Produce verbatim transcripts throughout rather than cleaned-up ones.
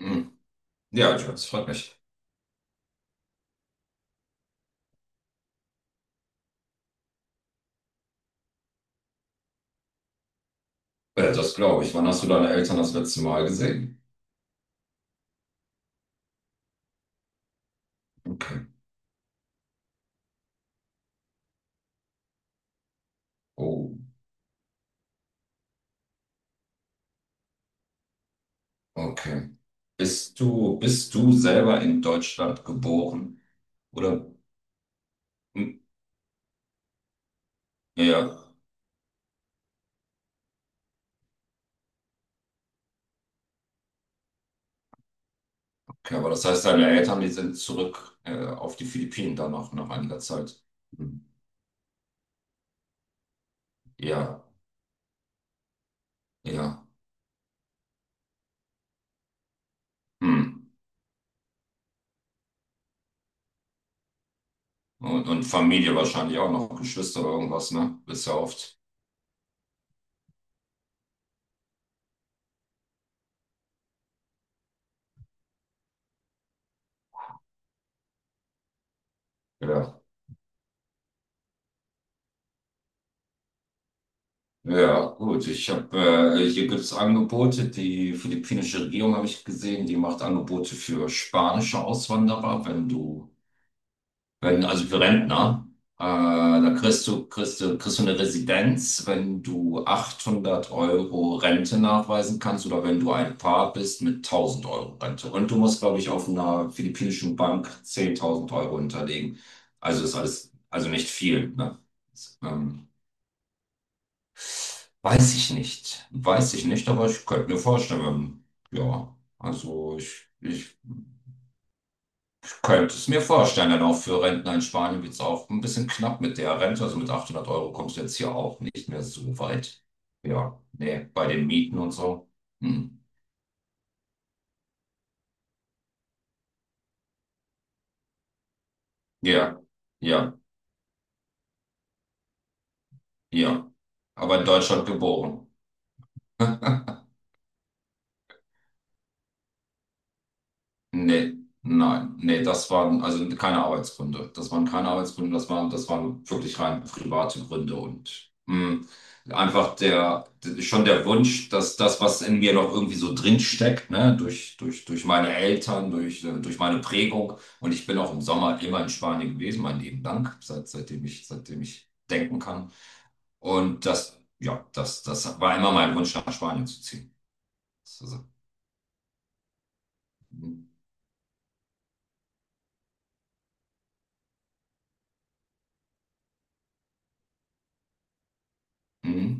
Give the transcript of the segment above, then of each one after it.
Hm. Ja, ich, das freut mich. Äh, das glaube ich. Wann hast du deine Eltern das letzte Mal gesehen? Okay. Oh, okay. Bist du, bist du selber in Deutschland geboren? Oder? Hm. Ja, okay. Aber das heißt, deine Eltern, die sind zurück, äh, auf die Philippinen dann noch nach einiger Zeit. Hm. Ja, ja. Hm. Und, und Familie wahrscheinlich auch noch, Geschwister oder irgendwas, ne? Bist ja oft. Ja. Ja, gut. Ich habe, äh, hier gibt es Angebote. Die philippinische Regierung habe ich gesehen, die macht Angebote für spanische Auswanderer, wenn du, wenn, also für Rentner. Äh, da kriegst du, kriegst du, kriegst du eine Residenz, wenn du achthundert Euro Rente nachweisen kannst oder wenn du ein Paar bist mit tausend Euro Rente. Und du musst, glaube ich, auf einer philippinischen Bank zehntausend Euro hinterlegen. Also ist alles, also nicht viel, ne? Ähm, Weiß ich nicht. Weiß ich nicht, aber ich könnte mir vorstellen, ja, also ich, ich könnte es mir vorstellen, denn auch für Rentner in Spanien wird es auch ein bisschen knapp mit der Rente. Also mit achthundert Euro kommst du jetzt hier auch nicht mehr so weit. Ja, nee, bei den Mieten und so. Hm. Ja, ja, ja. Aber in Deutschland geboren. Nee, nein, nee, das waren also keine Arbeitsgründe. Das waren keine Arbeitsgründe, das waren, das waren wirklich rein private Gründe und mh, einfach der, d- schon der Wunsch, dass das, was in mir noch irgendwie so drin steckt, ne, durch, durch, durch meine Eltern, durch, äh, durch meine Prägung. Und ich bin auch im Sommer immer in Spanien gewesen, mein Leben lang, seit, seitdem ich, seitdem ich denken kann. Und das, ja, das, das war immer mein Wunsch, nach Spanien zu ziehen. Das ist, also. Mh, mh,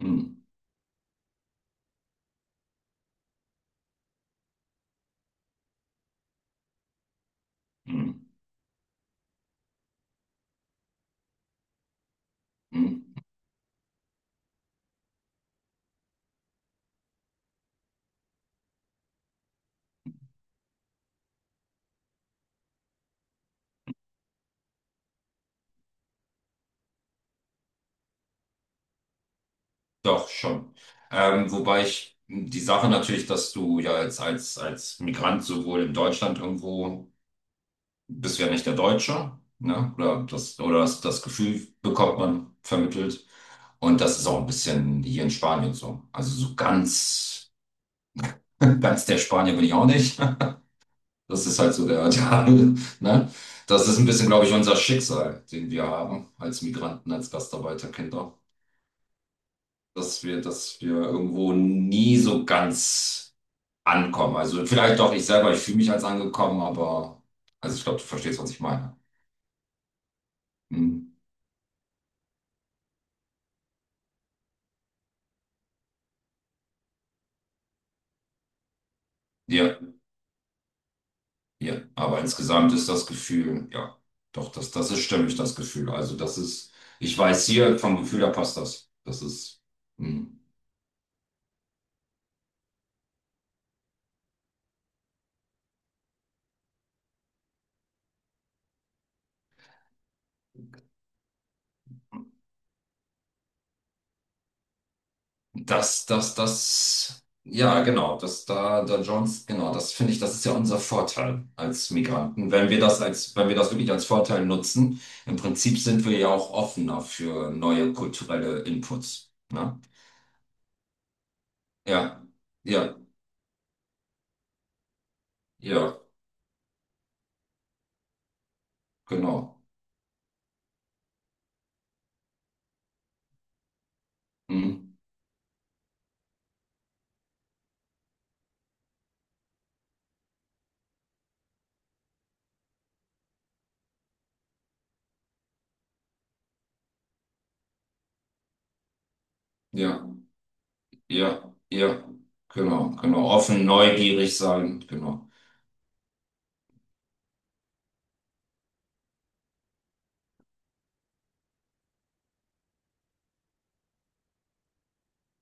mh, mh, mh. Doch, schon. Ähm, wobei ich die Sache natürlich, dass du ja als, als, als Migrant sowohl in Deutschland irgendwo bist du ja nicht der Deutsche, ne? Oder das, oder das, das Gefühl bekommt man vermittelt. Und das ist auch ein bisschen hier in Spanien so. Also so ganz, ganz der Spanier bin ich auch nicht. Das ist halt so der, der, ne? Das ist ein bisschen, glaube ich, unser Schicksal, den wir haben als Migranten, als Gastarbeiterkinder, dass wir, dass wir irgendwo nie so ganz ankommen. Also vielleicht doch ich selber, ich fühle mich als angekommen, aber also ich glaube, du verstehst, was ich meine. Hm. Ja, ja. Aber insgesamt ist das Gefühl, ja, doch, das, das ist stimmig, das Gefühl. Also das ist, ich weiß hier vom Gefühl, da passt das. Das ist. hm. Das, das, das, ja, genau, das da, da Jones, genau, das finde ich, das ist ja unser Vorteil als Migranten. Wenn wir das als, wenn wir das wirklich als Vorteil nutzen, im Prinzip sind wir ja auch offener für neue kulturelle Inputs. Ne? Ja, ja, ja, genau. Mhm. Ja, ja, ja, genau, genau. Offen, neugierig sein, genau.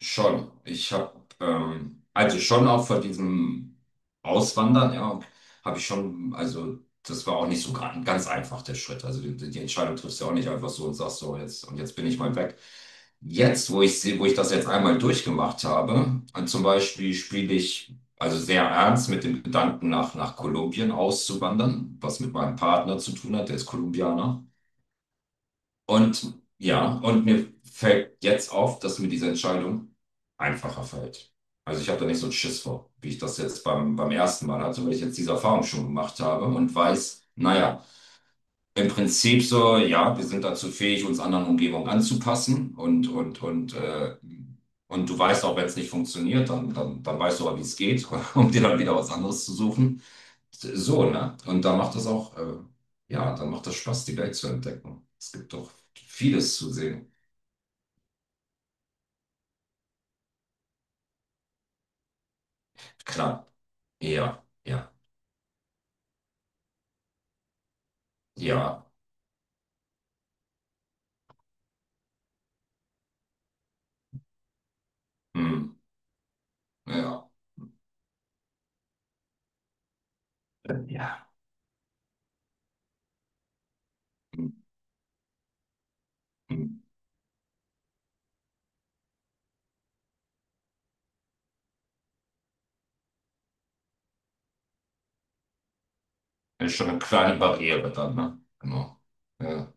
Schon. Ich habe, ähm, also schon auch vor diesem Auswandern, ja, habe ich schon, also das war auch nicht so ga- ganz einfach, der Schritt. Also die, die Entscheidung triffst du ja auch nicht einfach so und sagst so, jetzt, und jetzt bin ich mal weg. Jetzt, wo ich sehe, wo ich das jetzt einmal durchgemacht habe, und zum Beispiel spiele ich also sehr ernst mit dem Gedanken, nach, nach Kolumbien auszuwandern, was mit meinem Partner zu tun hat, der ist Kolumbianer. Und ja, und mir fällt jetzt auf, dass mir diese Entscheidung einfacher fällt. Also ich habe da nicht so einen Schiss vor, wie ich das jetzt beim, beim ersten Mal hatte, weil ich jetzt diese Erfahrung schon gemacht habe und weiß, naja, im Prinzip so, ja, wir sind dazu fähig, uns anderen Umgebungen anzupassen und, und, und, äh, und du weißt auch, wenn es nicht funktioniert, dann, dann, dann weißt du aber, wie es geht, um dir dann wieder was anderes zu suchen. So, ne? Und da macht das auch, äh, ja, dann macht das Spaß, die Welt zu entdecken. Es gibt doch vieles zu sehen. Klar. Ja, ja, ja, hm, ja, ja. Hm, hm. Ist schon eine kleine Barriere dann, ne? Genau. Ja.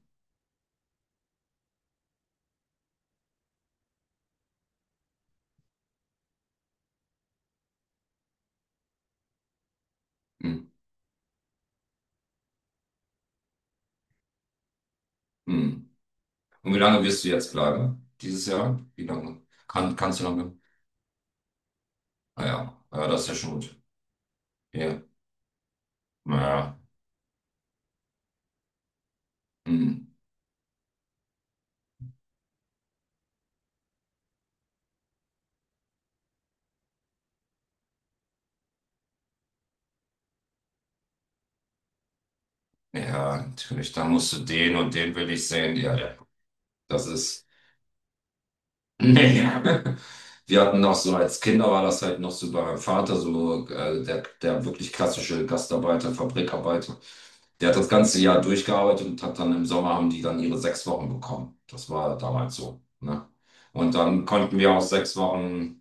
Hm, hm. Und wie lange wirst du jetzt bleiben? Dieses Jahr? Wie lange? Kann, kannst du lange? Naja, ja, ja, das ist ja schon gut. Ja, naja, hm. Ja, natürlich. Da musst du den und den will ich sehen. Ja, ja. Das ist. Nee. Wir hatten noch so, als Kinder war das halt noch so bei meinem Vater, so äh, der, der wirklich klassische Gastarbeiter, Fabrikarbeiter. Der hat das ganze Jahr durchgearbeitet und hat dann im Sommer haben die dann ihre sechs Wochen bekommen. Das war damals so. Ne? Und dann konnten wir auch sechs Wochen,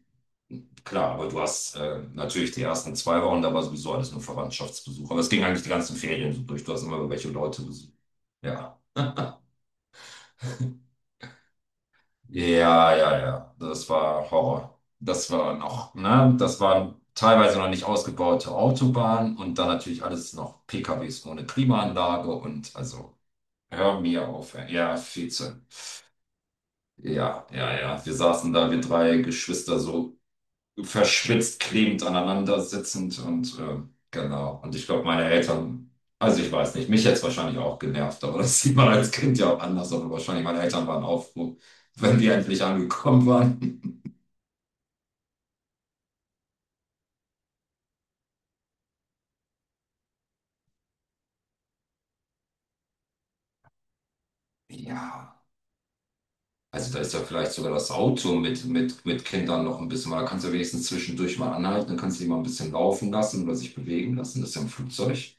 klar, aber du hast äh, natürlich die ersten zwei Wochen, da war sowieso alles nur Verwandtschaftsbesuch. Aber es ging eigentlich die ganzen Ferien so durch. Du hast immer welche Leute besucht. Ja. Ja, ja, ja, das war Horror. Das war noch, ne, das waren teilweise noch nicht ausgebaute Autobahnen und dann natürlich alles noch P K Ws ohne Klimaanlage und also hör mir auf, ey. Ja, vierzehn. Ja, ja, ja, wir saßen da, wir drei Geschwister so verschwitzt, klebend aneinander sitzend und äh, genau. Und ich glaube, meine Eltern, also ich weiß nicht, mich hätte es wahrscheinlich auch genervt, aber das sieht man als Kind ja auch anders, aber wahrscheinlich meine Eltern waren auch froh, wenn wir endlich angekommen waren. Ja, also da ist ja vielleicht sogar das Auto mit, mit, mit Kindern noch ein bisschen, weil da kannst du ja wenigstens zwischendurch mal anhalten, dann kannst du die mal ein bisschen laufen lassen oder sich bewegen lassen. Das ist ja im Flugzeug.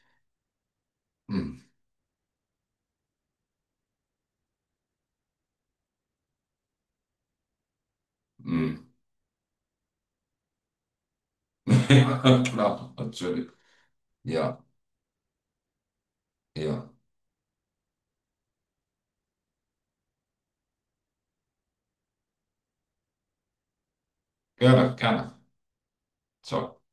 Hm, hm. Ja, klar, natürlich. Ja, ja. Gerne, gerne. Ciao.